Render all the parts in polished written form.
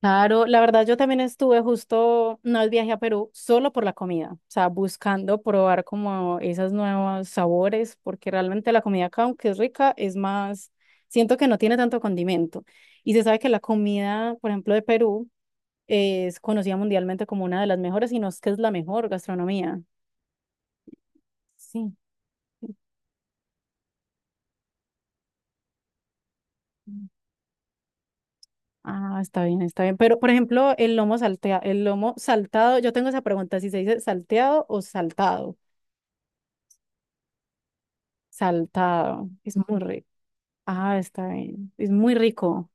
Claro, la verdad yo también estuve justo, no es viaje a Perú, solo por la comida, o sea, buscando probar como esos nuevos sabores, porque realmente la comida acá, aunque es rica, es más, siento que no tiene tanto condimento. Y se sabe que la comida, por ejemplo, de Perú es conocida mundialmente como una de las mejores, y no es que es la mejor gastronomía. Sí. Ah, está bien, está bien. Pero, por ejemplo, el lomo saltado, yo tengo esa pregunta, si se dice salteado o saltado. Saltado, es muy rico. Ah, está bien. Es muy rico.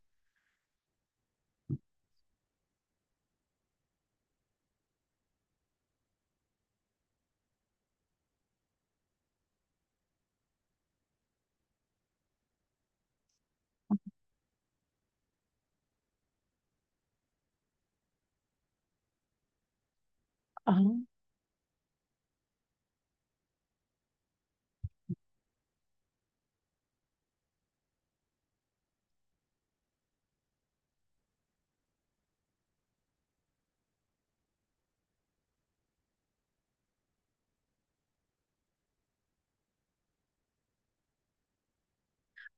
Ajá.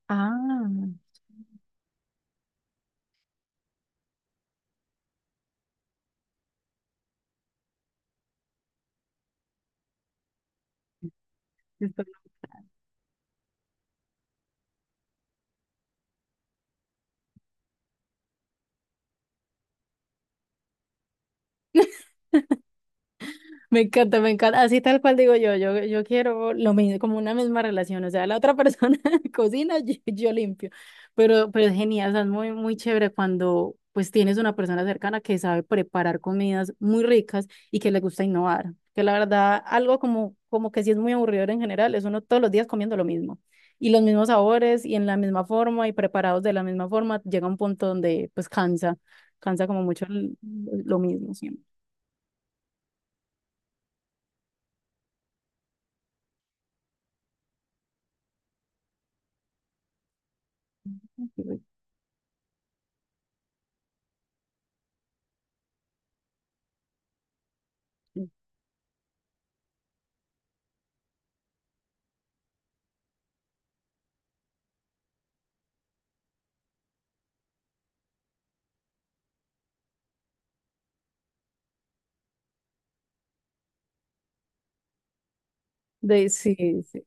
Ah, está bien. Me encanta, me encanta. Así tal cual digo yo, yo quiero lo mismo, como una misma relación. O sea, la otra persona cocina, yo limpio. Pero es genial, o sea, es muy, muy chévere cuando pues tienes una persona cercana que sabe preparar comidas muy ricas y que le gusta innovar. Que la verdad, algo como que sí es muy aburridor en general, es uno todos los días comiendo lo mismo. Y los mismos sabores y en la misma forma y preparados de la misma forma, llega un punto donde pues cansa, cansa como mucho lo mismo siempre. Sí, sí.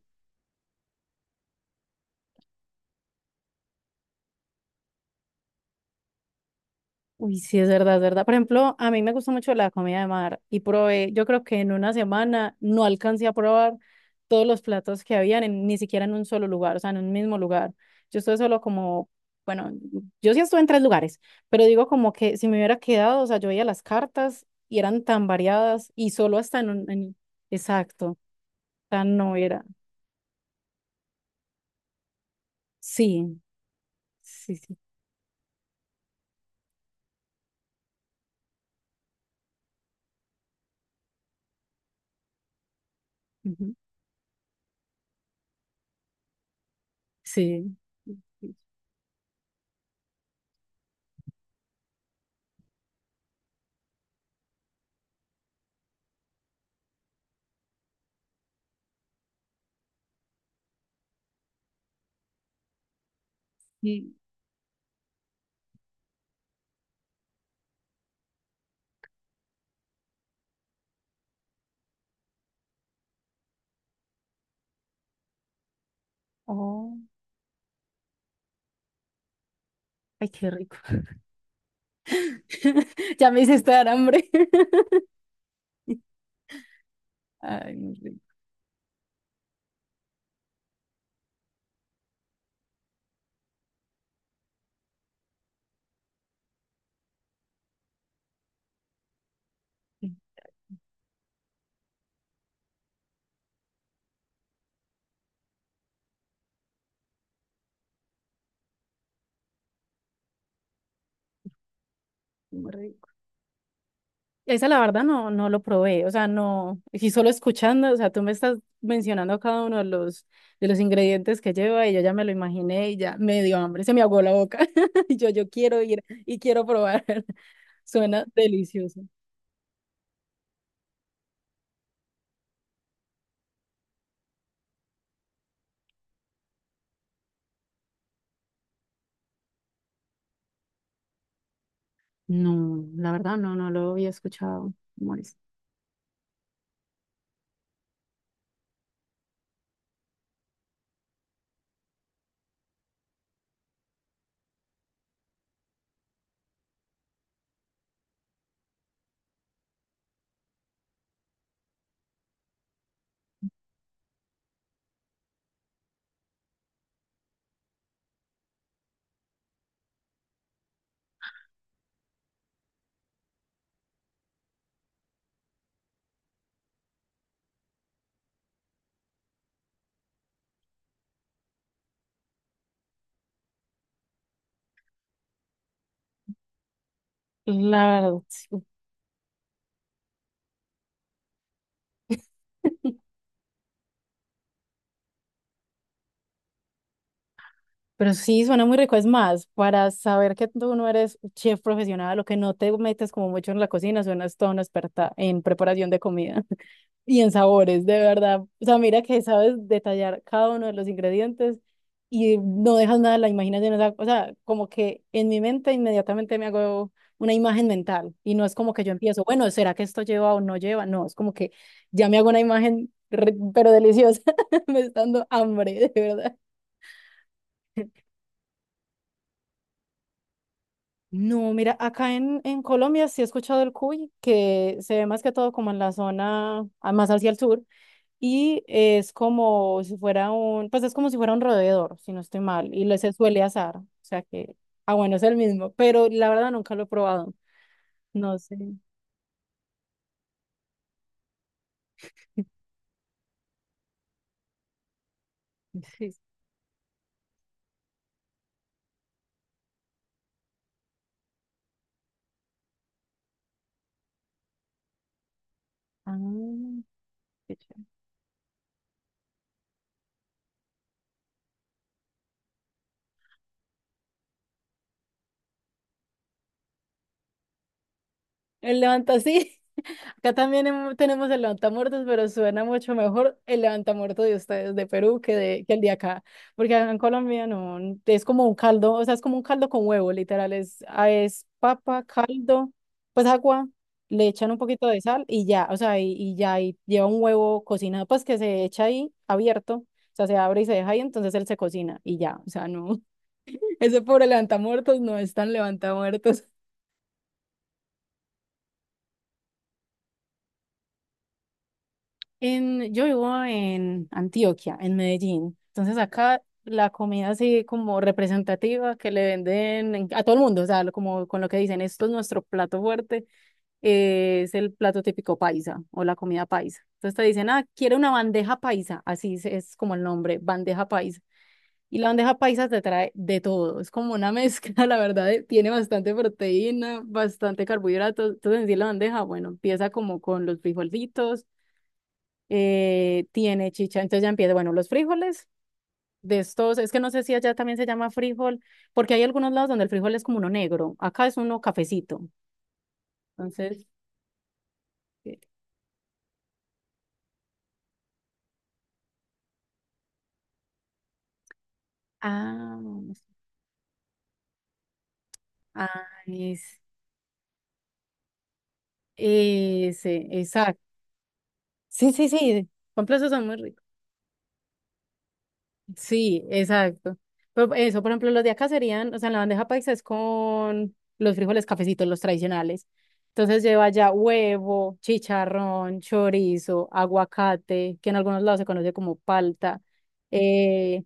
Uy, sí, es verdad, es verdad. Por ejemplo, a mí me gusta mucho la comida de mar y probé, yo creo que en una semana no alcancé a probar todos los platos que habían, ni siquiera en un solo lugar, o sea, en un mismo lugar. Yo estuve solo como, bueno, yo sí estuve en tres lugares, pero digo como que si me hubiera quedado, o sea, yo veía las cartas y eran tan variadas y solo hasta en un, exacto, tan no era. Sí, sí, sí. Ujú. Sí. Sí. Sí. Oh, ay, qué rico. Ya me hiciste dar hambre. Ay, muy rico, muy rico. Esa la verdad no, no lo probé, o sea, no, y solo escuchando, o sea, tú me estás mencionando cada uno de los ingredientes que lleva y yo ya me lo imaginé y ya me dio hambre, se me ahogó la boca. Y yo quiero ir y quiero probar. Suena delicioso. No, la verdad no, no lo había escuchado. ¿Cómo es? La verdad, sí. Pero sí, suena muy rico. Es más, para saber que tú no eres chef profesional o que no te metes como mucho en la cocina, suenas toda una experta en preparación de comida y en sabores, de verdad. O sea, mira que sabes detallar cada uno de los ingredientes y no dejas nada a la imaginación. O sea, como que en mi mente inmediatamente me hago una imagen mental y no es como que yo empiezo, bueno, ¿será que esto lleva o no lleva? No, es como que ya me hago una imagen, pero deliciosa. Me está dando hambre, de verdad. No, mira, acá en Colombia sí he escuchado el cuy, que se ve más que todo como en la zona, ah, más hacia el sur, y es como si fuera un, pues es como si fuera un roedor, si no estoy mal, y lo se suele asar, o sea que, ah, bueno, es el mismo, pero la verdad nunca lo he probado, no sé. Sí. Ah, qué chévere. El levanta así. Acá también tenemos el levantamuertos, pero suena mucho mejor el levantamuertos de ustedes, de Perú, que el de acá. Porque acá en Colombia no, es como un caldo, o sea, es como un caldo con huevo, literal. Es papa, caldo, pues agua, le echan un poquito de sal y ya, o sea, y ya, y lleva un huevo cocinado, pues que se echa ahí abierto, o sea, se abre y se deja ahí, entonces él se cocina y ya, o sea, no. Ese pobre levantamuertos no es tan levantamuertos. Yo vivo en Antioquia, en Medellín. Entonces acá la comida así como representativa que le venden a todo el mundo, o sea, como con lo que dicen, esto es nuestro plato fuerte, es el plato típico paisa o la comida paisa. Entonces te dicen, ah, quiere una bandeja paisa, así es como el nombre, bandeja paisa. Y la bandeja paisa te trae de todo, es como una mezcla, la verdad, tiene bastante proteína, bastante carbohidratos. Entonces en sí la bandeja, bueno, empieza como con los frijolitos, tiene chicha. Entonces ya empieza, bueno, los frijoles de estos, es que no sé si allá también se llama frijol, porque hay algunos lados donde el frijol es como uno negro, acá es uno cafecito. Entonces, eh, ah, ah, es- ese, exacto. Sí, sí, sí, complejos son muy ricos. Sí, exacto. Pero eso, por ejemplo, los de acá serían, o sea, en la bandeja paisa es con los frijoles cafecitos, los tradicionales. Entonces lleva ya huevo, chicharrón, chorizo, aguacate, que en algunos lados se conoce como palta, eh,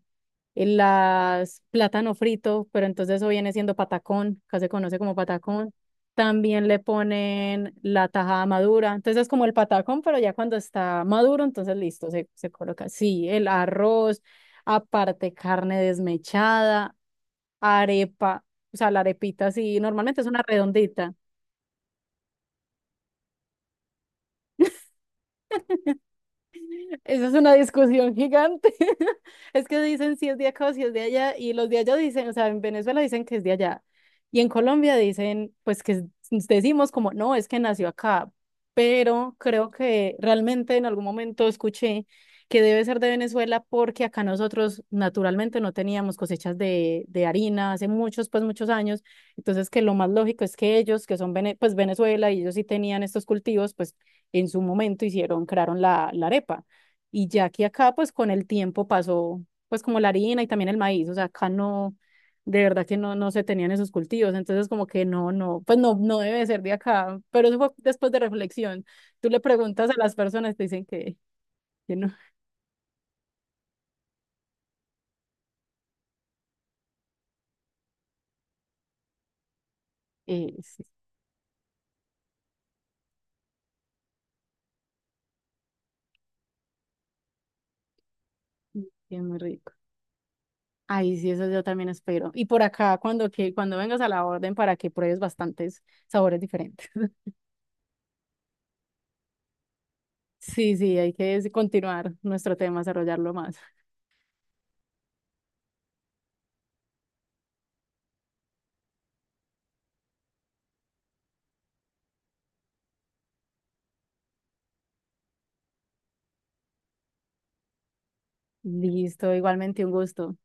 el las plátano frito, pero entonces eso viene siendo patacón, acá se conoce como patacón. También le ponen la tajada madura, entonces es como el patacón, pero ya cuando está maduro, entonces listo, se coloca así, el arroz, aparte carne desmechada, arepa, o sea, la arepita así, normalmente es una redondita. Esa es una discusión gigante. Es que dicen si es de acá o si es de allá, y los de allá dicen, o sea, en Venezuela dicen que es de allá, y en Colombia dicen, pues que decimos como, no, es que nació acá, pero creo que realmente en algún momento escuché que debe ser de Venezuela porque acá nosotros naturalmente no teníamos cosechas de, harina hace muchos, pues muchos años, entonces que lo más lógico es que ellos, que son pues Venezuela, y ellos sí tenían estos cultivos, pues en su momento hicieron, crearon la arepa. Y ya que acá, pues con el tiempo pasó, pues como la harina y también el maíz, o sea, acá no, de verdad que no, no se tenían esos cultivos, entonces como que no, no, pues no, no debe ser de acá, pero eso fue después de reflexión. Tú le preguntas a las personas, te dicen que no, sí, sí, es muy rico. Ay, sí, eso yo también espero. Y por acá, cuando vengas a la orden para que pruebes bastantes sabores diferentes. Sí, sí, hay que continuar nuestro tema, desarrollarlo más. Listo, igualmente un gusto.